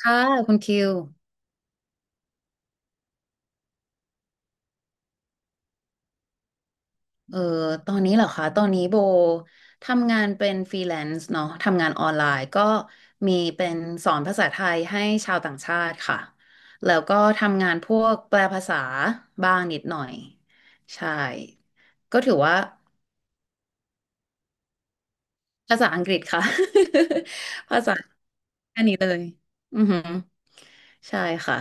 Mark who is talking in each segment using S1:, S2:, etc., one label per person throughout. S1: ค่ะคุณคิวเอ่อตอนนี้เหรอคะตอนนี้โบทำงานเป็นฟรีแลนซ์เนาะทำงานออนไลน์ก็มีเป็นสอนภาษาไทยให้ชาวต่างชาติค่ะแล้วก็ทำงานพวกแปลภาษาบ้างนิดหน่อยใช่ก็ถือว่าภาษาอังกฤษค่ะ ภาษาแค่นี้เลยอือหือ ใช่ค่ะ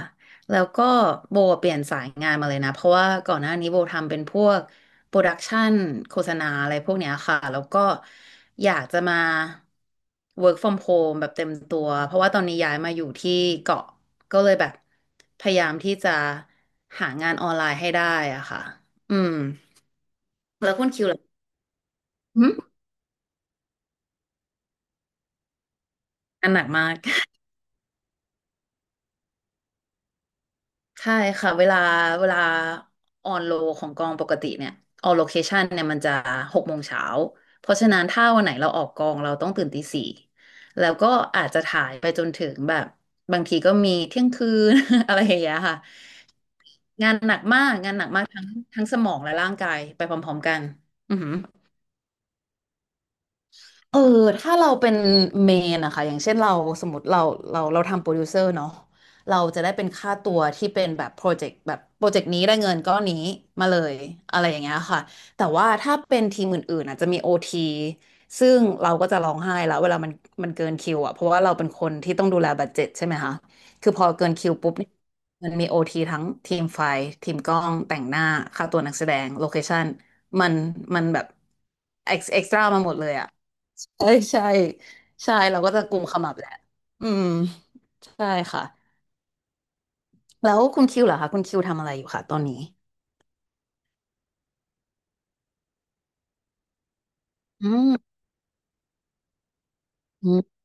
S1: แล้วก็โบเปลี่ยนสายงานมาเลยนะเพราะว่าก่อนหน้านี้โบทำเป็นพวกโปรดักชันโฆษณาอะไรพวกเนี้ยค่ะแล้วก็อยากจะมา work from home แบบเต็มตัวเพราะว่าตอนนี้ย้ายมาอยู่ที่เกาะก็เลยแบบพยายามที่จะหางานออนไลน์ให้ได้อะค่ะอืมแล้วคุณคิวล่ะหึอันหนักมาก ใช่ค่ะเวลาออนโลของกองปกติเนี่ยออนโลเคชันเนี่ยมันจะหกโมงเช้าเพราะฉะนั้นถ้าวันไหนเราออกกองเราต้องตื่นตีสี่แล้วก็อาจจะถ่ายไปจนถึงแบบบางทีก็มีเที่ยงคืน อะไรอย่างเงี้ยค่ะงานหนักมากงานหนักมากทั้งทั้งสมองและร่างกายไปพร้อมๆกันอือหือ เออถ้าเราเป็นเมนอะคะอย่างเช่นเราสมมติเราเราทำโปรดิวเซอร์เนาะเราจะได้เป็นค่าตัวที่เป็นแบบโปรเจกต์แบบโปรเจกต์นี้ได้เงินก้อนนี้มาเลยอะไรอย่างเงี้ยค่ะแต่ว่าถ้าเป็นทีมอื่นๆอาจจะมีโอทีซึ่งเราก็จะร้องไห้แล้วเวลามันเกินคิวอะเพราะว่าเราเป็นคนที่ต้องดูแลบัดเจ็ตใช่ไหมคะคือพอเกินคิวปุ๊บเนี่ยมันมีโอทีทั้งทีมไฟทีมกล้องแต่งหน้าค่าตัวนักแสดงโลเคชั่นมันมันแบบเอ็กซ์เอ็กซ์ตร้ามาหมดเลยอะ ใช่ใช่ใช่เราก็จะกลุ่มขมับแหละอืมใช่ค่ะแล้วคุณคิวเหรอคะคุณคิวทำอะไรอยู่คะตอนนี้อืมอืม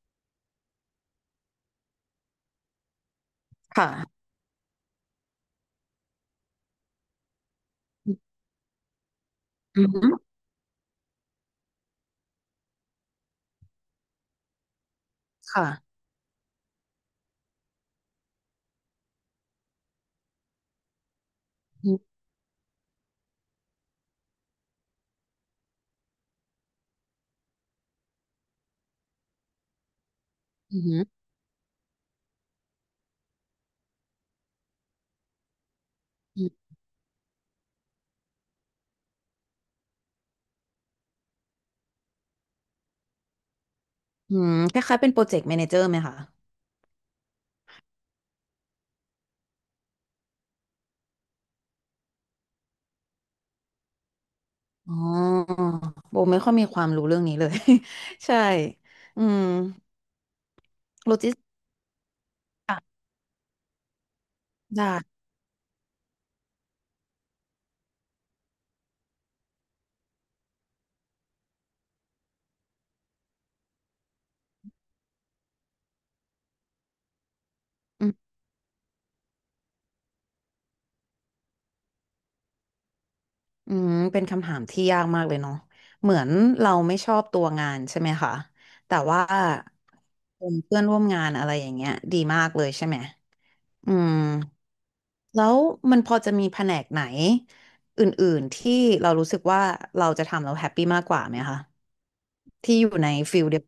S1: ค่ะอืมค่ะอืมอืมอืมอืมคล้ายๆเป็นโปรเจกต์แมเนเจอร์ไหมคะอ๋อโบไม่ค่อยมีความรู้เรื่องนี้เลย ใช่อืมโลจิสติกส์ค่ะได้ อืมเป็นคำถามที่ยากมากเลยเนาะเหมือนเราไม่ชอบตัวงานใช่ไหมคะแต่ว่าเป็นเพื่อนร่วมงานอะไรอย่างเงี้ยดีมากเลยใช่ไหมอืมแล้วมันพอจะมีแผนกไหนอื่นๆที่เรารู้สึกว่าเราจะทำแล้วแฮปปี้มากกว่าไหมคะที่อยู่ในฟิลเดียว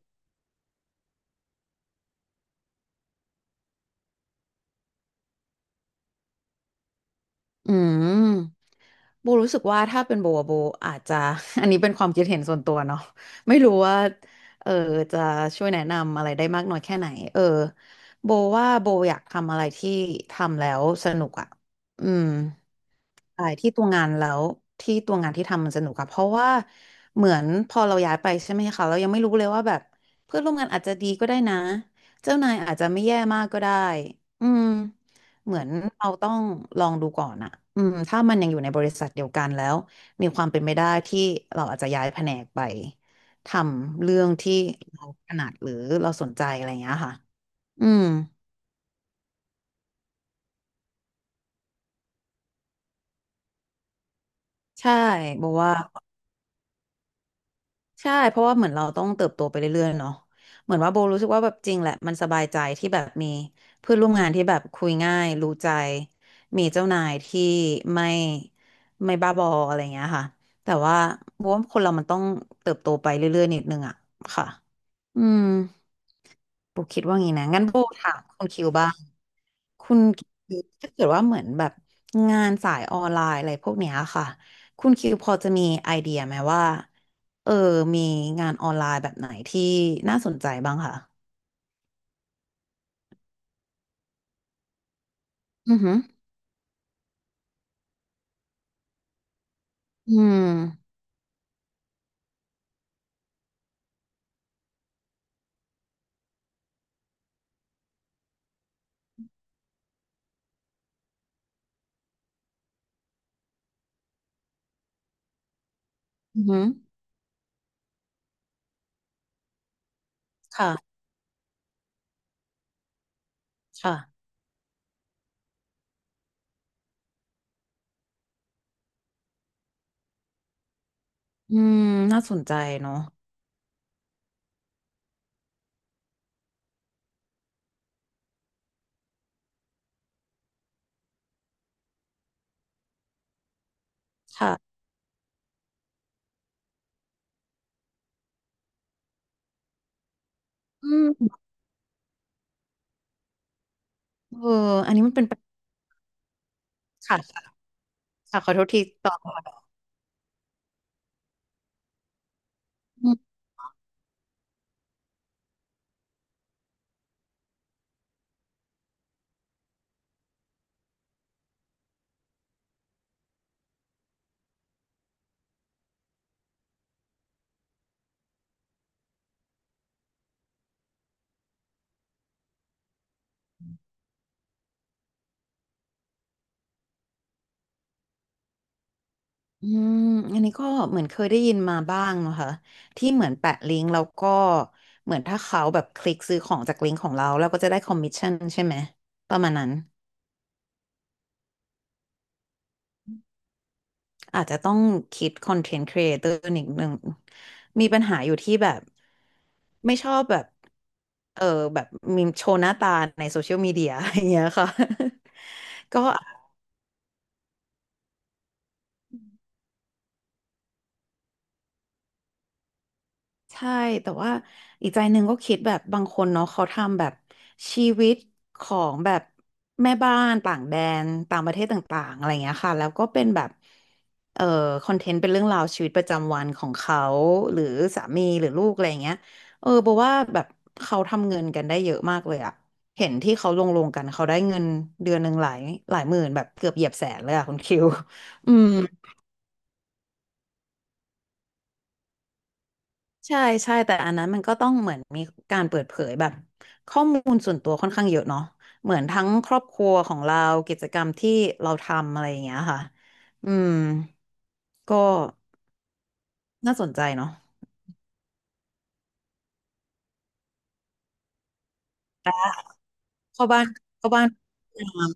S1: อืม โบรู้สึกว่าถ้าเป็นโบอะโบอาจจะ อันนี้เป็นความคิดเห็นส่วนตัวเนาะไม่รู้ว่าเออจะช่วยแนะนำอะไรได้มากน้อยแค่ไหนเออโบว่าโบอยากทำอะไรที่ทำแล้วสนุกอ่ะอืม ใช่ที่ตัวงานแล้วที่ตัวงานที่ทำมันสนุกอะเพราะว่าเหมือนพอเราย้ายไปใช่ไหมคะเรายังไม่รู้เลยว่าแบบเพื่อนร่วมงานอาจจะดีก็ได้นะเจ้านายอาจจะไม่แย่มากก็ได้อืมเหมือนเราต้องลองดูก่อนอะอืมถ้ามันยังอยู่ในบริษัทเดียวกันแล้วมีความเป็นไปได้ที่เราอาจจะย้ายแผนกไปทำเรื่องที่เราถนัดหรือเราสนใจอะไรอย่างเงี้ยค่ะอืมใช่บอกว่า ใช่เพราะว่าเหมือนเราต้องเติบโตไปเรื่อยๆเนาะเหมือนว่าโบรู้สึกว่าแบบจริงแหละมันสบายใจที่แบบมีเพื่อนร่วมงานที่แบบคุยง่ายรู้ใจมีเจ้านายที่ไม่ไม่บ้าบออะไรอย่างเงี้ยค่ะแต่ว่าโบว่าคนเรามันต้องเติบโตไปเรื่อยๆนิดนึงอะค่ะอืม โบคิดว่างี้นะงั้นโบถามคุณคิวบ้างคุณคิวถ้าเกิดว่าเหมือนแบบงานสายออนไลน์อะไรพวกเนี้ยค่ะคุณคิวพอจะมีไอเดียไหมว่าเออมีงานออนไลน์แบบไหนที่น่าสนใจบ้างค่ะอือหืออืมอือหือค่ะค่ะอืมน่าสนใจเนาะค่ะอืมเอออันนี้มันเป็นปัญค่ะค่ะค่ะขอโทษทีต่อค่ะ อืมอันนี้ก็เหมือนเคยได้ยินมาบ้างนะคะที่เหมือนแปะลิงก์แล้วก็เหมือนถ้าเขาแบบคลิกซื้อของจากลิงก์ของเราเราก็จะได้คอมมิชชั่นใช่ไหมประมาณนั้นอาจจะต้องคิดคอนเทนต์ครีเอเตอร์นิดนึงมีปัญหาอยู่ที่แบบไม่ชอบแบบเออแบบมีโชว์หน้าตาในโซเชียลมีเดียอย่างเงี้ยค่ะ ก็ ใช่แต่ว่าอีกใจหนึ่งก็คิดแบบบางคนเนาะเขาทำแบบชีวิตของแบบแม่บ้านต่างแดนต่างประเทศต่างๆอะไรเงี้ยค่ะแล้วก็เป็นแบบเอ่อคอนเทนต์เป็นเรื่องราวชีวิตประจำวันของเขาหรือสามีหรือลูกอะไรเงี้ยเออบอกว่าแบบเขาทำเงินกันได้เยอะมากเลยอะเห็นที่เขาลงกันเขาได้เงินเดือนหนึ่งหลายหมื่นแบบเกือบเหยียบแสนเลยอะคุณคิว อืม ใช่ใช่แต่อันนั้นมันก็ต้องเหมือนมีการเปิดเผยแบบข้อมูลส่วนตัวค่อนข้างเยอะเนาะเหมือนทั้งครอบครัวของเรากิจกรรมที่เราทำอะไรอย่างเงี้ยค่ะอืมก็น่าสนใจเนาะเข้าบ้านเข้าบ้านพยายาม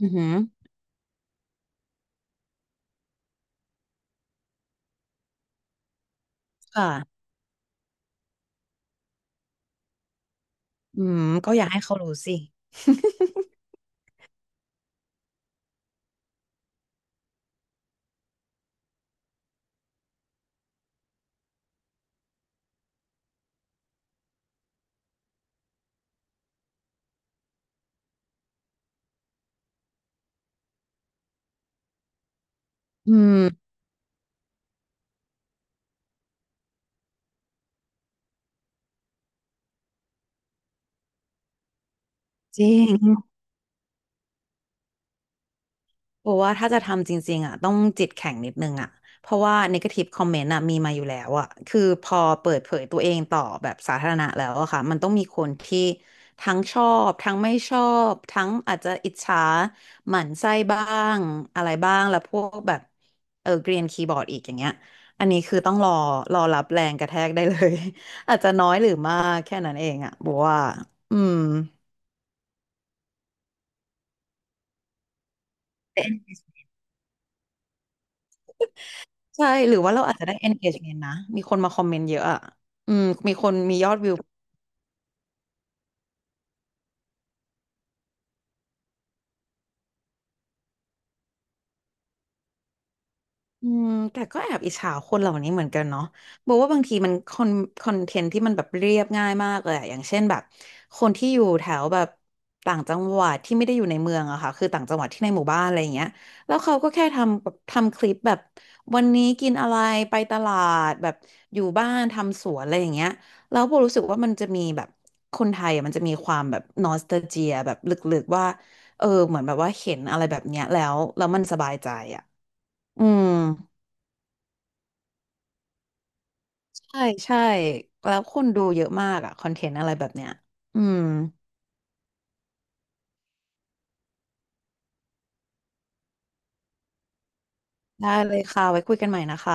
S1: อือหือค่ะอืมก็อยากให้เขารู้สิ อืมจริง เพราะว่าถ้าจะทำจริงๆอ่ะต้องจิตแข็งนิดนึงอ่ะเพราะว่า negative comment อ่ะมีมาอยู่แล้วอ่ะคือพอเปิดเผยตัวเองต่อแบบสาธารณะแล้วอะค่ะมันต้องมีคนที่ทั้งชอบทั้งไม่ชอบทั้งอาจจะอิจฉาหมั่นไส้บ้างอะไรบ้างแล้วพวกแบบเออเกรียนคีย์บอร์ดอีกอย่างเงี้ยอันนี้คือต้องรอรับแรงกระแทกได้เลย อาจจะน้อยหรือมากแค่นั้นเองอ่ะบอกว่าอืม ใช่หรือว่าเราอาจจะได้ engagement นะมีคนมาคอมเมนต์เยอะอ่ะอืมมีคนมียอดวิว อืมแต่ก็แอบอิจฉาคนเหล่านี้เหมือนกันเนาะบอกว่าบางทีมันคอนเทนต์ที่มันแบบเรียบง่ายมากเลยอะอย่างเช่นแบบคนที่อยู่แถวแบบต่างจังหวัดที่ไม่ได้อยู่ในเมืองอะค่ะคือต่างจังหวัดที่ในหมู่บ้านอะไรอย่างเงี้ยแล้วเขาก็แค่ทำแบบทำคลิปแบบวันนี้กินอะไรไปตลาดแบบอยู่บ้านทำสวนอะไรอย่างเงี้ยแล้วโบรู้สึกว่ามันจะมีแบบคนไทยอะมันจะมีความแบบนอสตาเจียแบบลึกๆว่าเออเหมือนแบบว่าเห็นอะไรแบบเนี้ยแล้วมันสบายใจอะอืม ใช่ใช่แล้วคนดูเยอะมากอะคอนเทนต์อะไรแบบเนี้ยอืมได้เลยค่ะไว้คุยกันใหม่นะคะ